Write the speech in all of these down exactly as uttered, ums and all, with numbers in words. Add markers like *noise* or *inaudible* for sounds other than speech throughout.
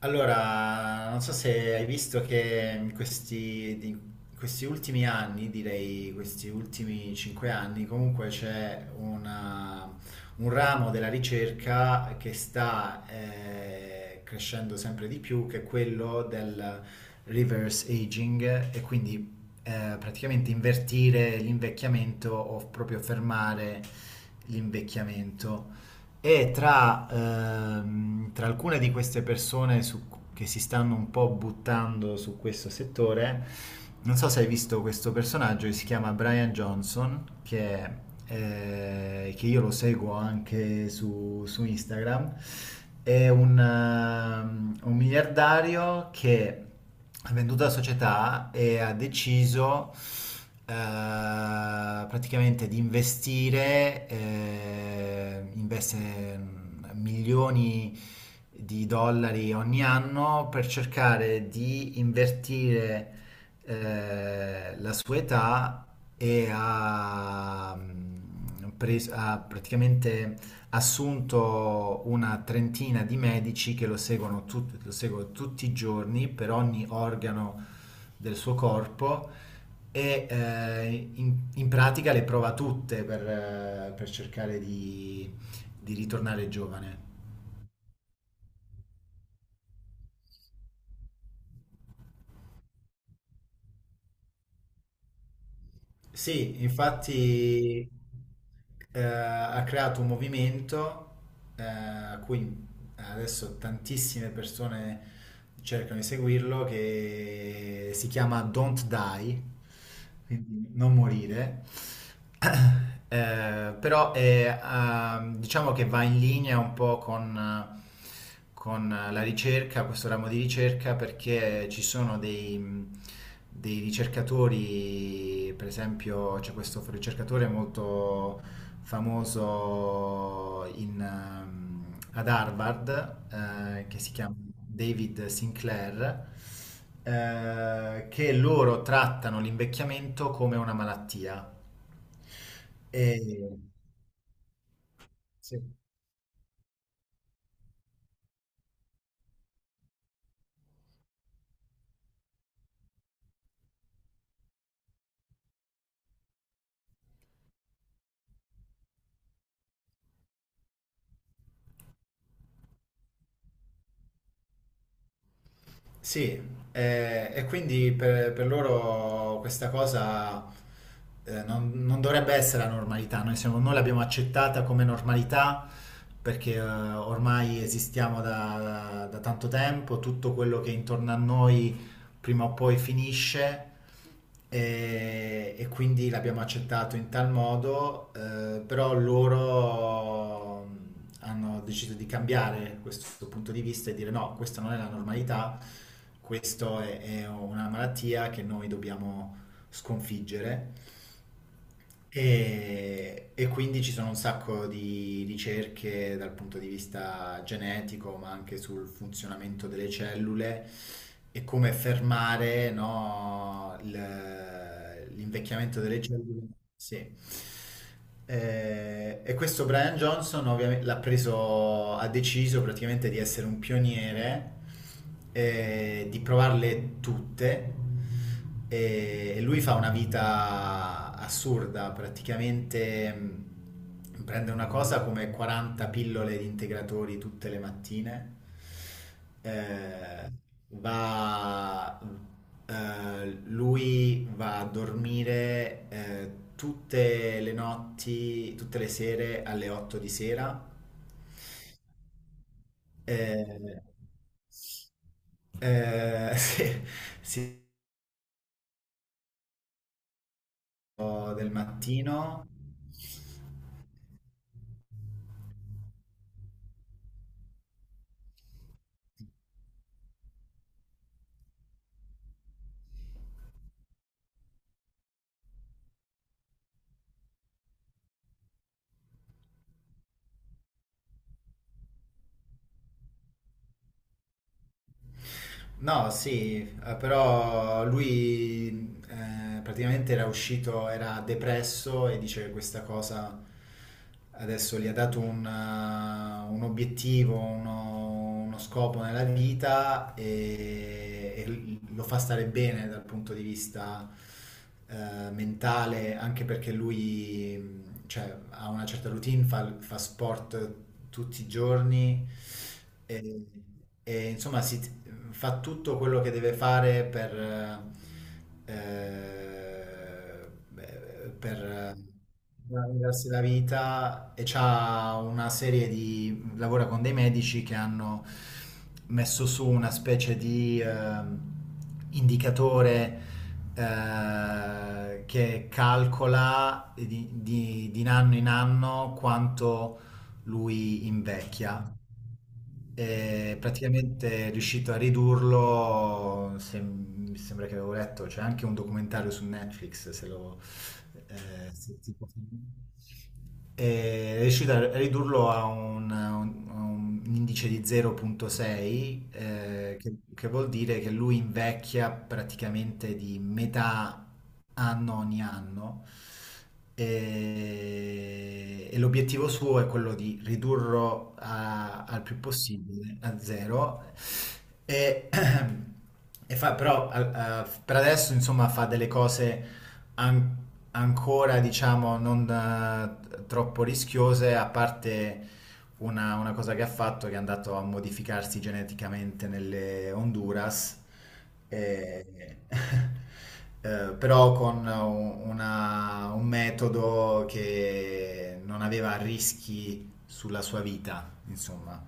Allora, non so se hai visto che in questi, di- questi ultimi anni, direi questi ultimi cinque anni, comunque c'è una- un ramo della ricerca che sta eh, crescendo sempre di più, che è quello del reverse aging e quindi eh, praticamente invertire l'invecchiamento o proprio fermare l'invecchiamento. E tra, ehm, tra alcune di queste persone su- che si stanno un po' buttando su questo settore, non so se hai visto questo personaggio che si chiama Brian Johnson, che, eh, che io lo seguo anche su, su Instagram. È un, ehm, un miliardario che ha venduto la società e ha deciso eh, praticamente di investire, eh, investe mm, milioni di dollari ogni anno per cercare di invertire eh, la sua età e ha, mm, pres- ha praticamente assunto una trentina di medici che lo seguono, tut- lo seguono tutti i giorni per ogni organo del suo corpo e eh, in, in pratica le prova tutte per, eh, per cercare di, di ritornare giovane. Sì, infatti eh, ha creato un movimento eh, a cui eh, adesso tantissime persone cercano di seguirlo, che si chiama Don't Die, quindi non morire. *clears throat* Eh, però è, ehm, diciamo che va in linea un po' con con la ricerca, questo ramo di ricerca, perché ci sono dei, dei ricercatori, per esempio c'è questo ricercatore molto famoso in, ehm, ad Harvard, eh, che si chiama David Sinclair, eh, che loro trattano l'invecchiamento come una malattia. E, sì. Sì, eh, e quindi per, per loro questa cosa eh, non, non dovrebbe essere la normalità, noi, siamo- noi l'abbiamo accettata come normalità perché eh, ormai esistiamo da, da tanto tempo, tutto quello che è intorno a noi prima o poi finisce e, e quindi l'abbiamo accettato in tal modo, eh, però loro mm, hanno deciso di cambiare questo punto di vista e dire no, questa non è la normalità, questa è, è una malattia che noi dobbiamo sconfiggere e, e quindi ci sono un sacco di ricerche dal punto di vista genetico, ma anche sul funzionamento delle cellule e come fermare, no, il- l'invecchiamento delle cellule. Sì. Eh, e questo Brian Johnson ovviamente l'ha preso, ha deciso praticamente di essere un pioniere, eh, di provarle tutte. E lui fa una vita assurda, praticamente mh, prende una cosa come quaranta pillole di integratori tutte le mattine, eh, va, eh, lui va a dormire eh, tutte le notti, tutte le sere alle otto di sera. Eh, eh, *laughs* sì, sì, del mattino. No, sì, eh, però lui eh, praticamente era uscito, era depresso e dice che questa cosa adesso gli ha dato un, eh, un obiettivo, uno, uno scopo nella vita e, e lo fa stare bene dal punto di vista eh, mentale, anche perché lui mh, cioè, ha una certa routine, fa, fa sport tutti i giorni e, e, insomma si, fa tutto quello che deve fare per, eh, beh, per guadagnarsi la vita e c'ha una serie di... lavora con dei medici che hanno messo su una specie di eh, indicatore eh, che calcola di, di- di anno in anno quanto lui invecchia e praticamente è riuscito a ridurlo, se- mi sembra che avevo letto, c'è anche un documentario su Netflix, se lo... eh, se ti può- E È riuscito a ridurlo a un, a un- a un indice di zero virgola sei, eh, che, che vuol dire che lui invecchia praticamente di metà anno ogni anno e, e l'obiettivo suo è quello di ridurlo a- al più possibile a zero e, *clears throat* e fa però al- a- per adesso insomma fa delle cose an- ancora diciamo non eh, troppo rischiose a parte una, una cosa che ha fatto che è andato a modificarsi geneticamente nelle Honduras eh, *laughs* eh, però con un- una, un metodo che non aveva rischi sulla sua vita, insomma.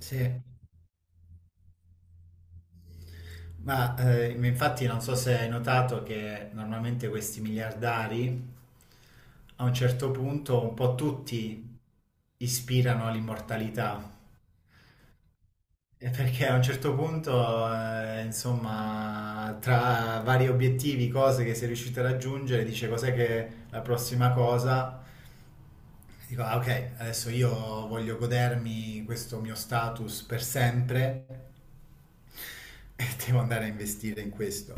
Sì. Ma eh, infatti non so se hai notato che normalmente questi miliardari a un certo punto un po' tutti ispirano all'immortalità. E perché a un certo punto, eh, insomma, tra vari obiettivi, cose che sei riuscito a raggiungere, dice cos'è che la prossima cosa? Dico, ah, ok, adesso io voglio godermi questo mio status per sempre e *laughs* devo andare a investire in questo.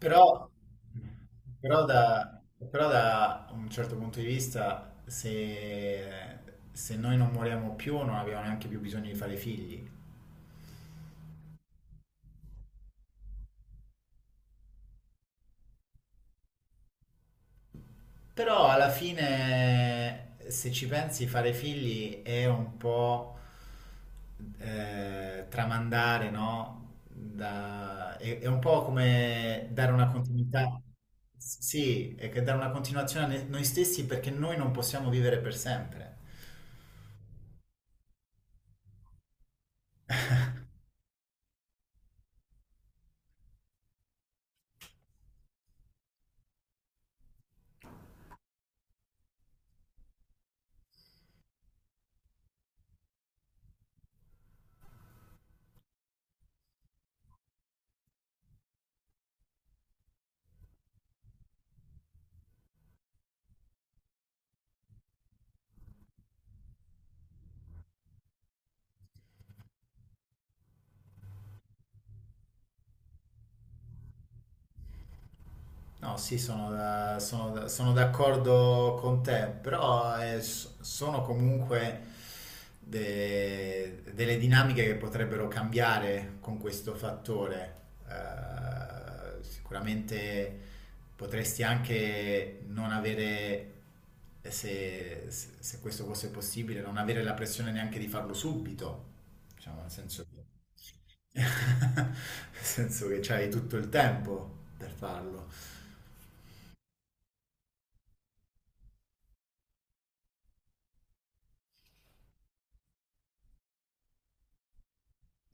Però, però da, però da un certo punto di vista, se, se noi non moriamo più, non abbiamo neanche più bisogno di fare figli. Però alla fine, se ci pensi, fare figli è un po' eh, tramandare, no? Da- è, è un po' come dare una continuità. Sì, è che dare una continuazione a ne- noi stessi perché noi non possiamo vivere per sempre. No, sì, sono, da- sono da- sono d'accordo con te, però eh, s- sono comunque de- delle dinamiche che potrebbero cambiare con questo fattore. Eh, sicuramente potresti anche non avere, se, se- se questo fosse possibile, non avere la pressione neanche di farlo subito, diciamo, nel senso che, *laughs* nel senso che c'hai tutto il tempo per farlo.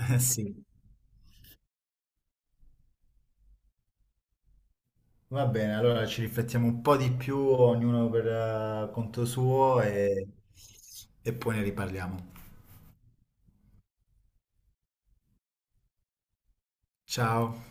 Eh sì. Va bene, allora ci riflettiamo un po' di più, ognuno per eh, conto suo e e poi ne riparliamo. Ciao.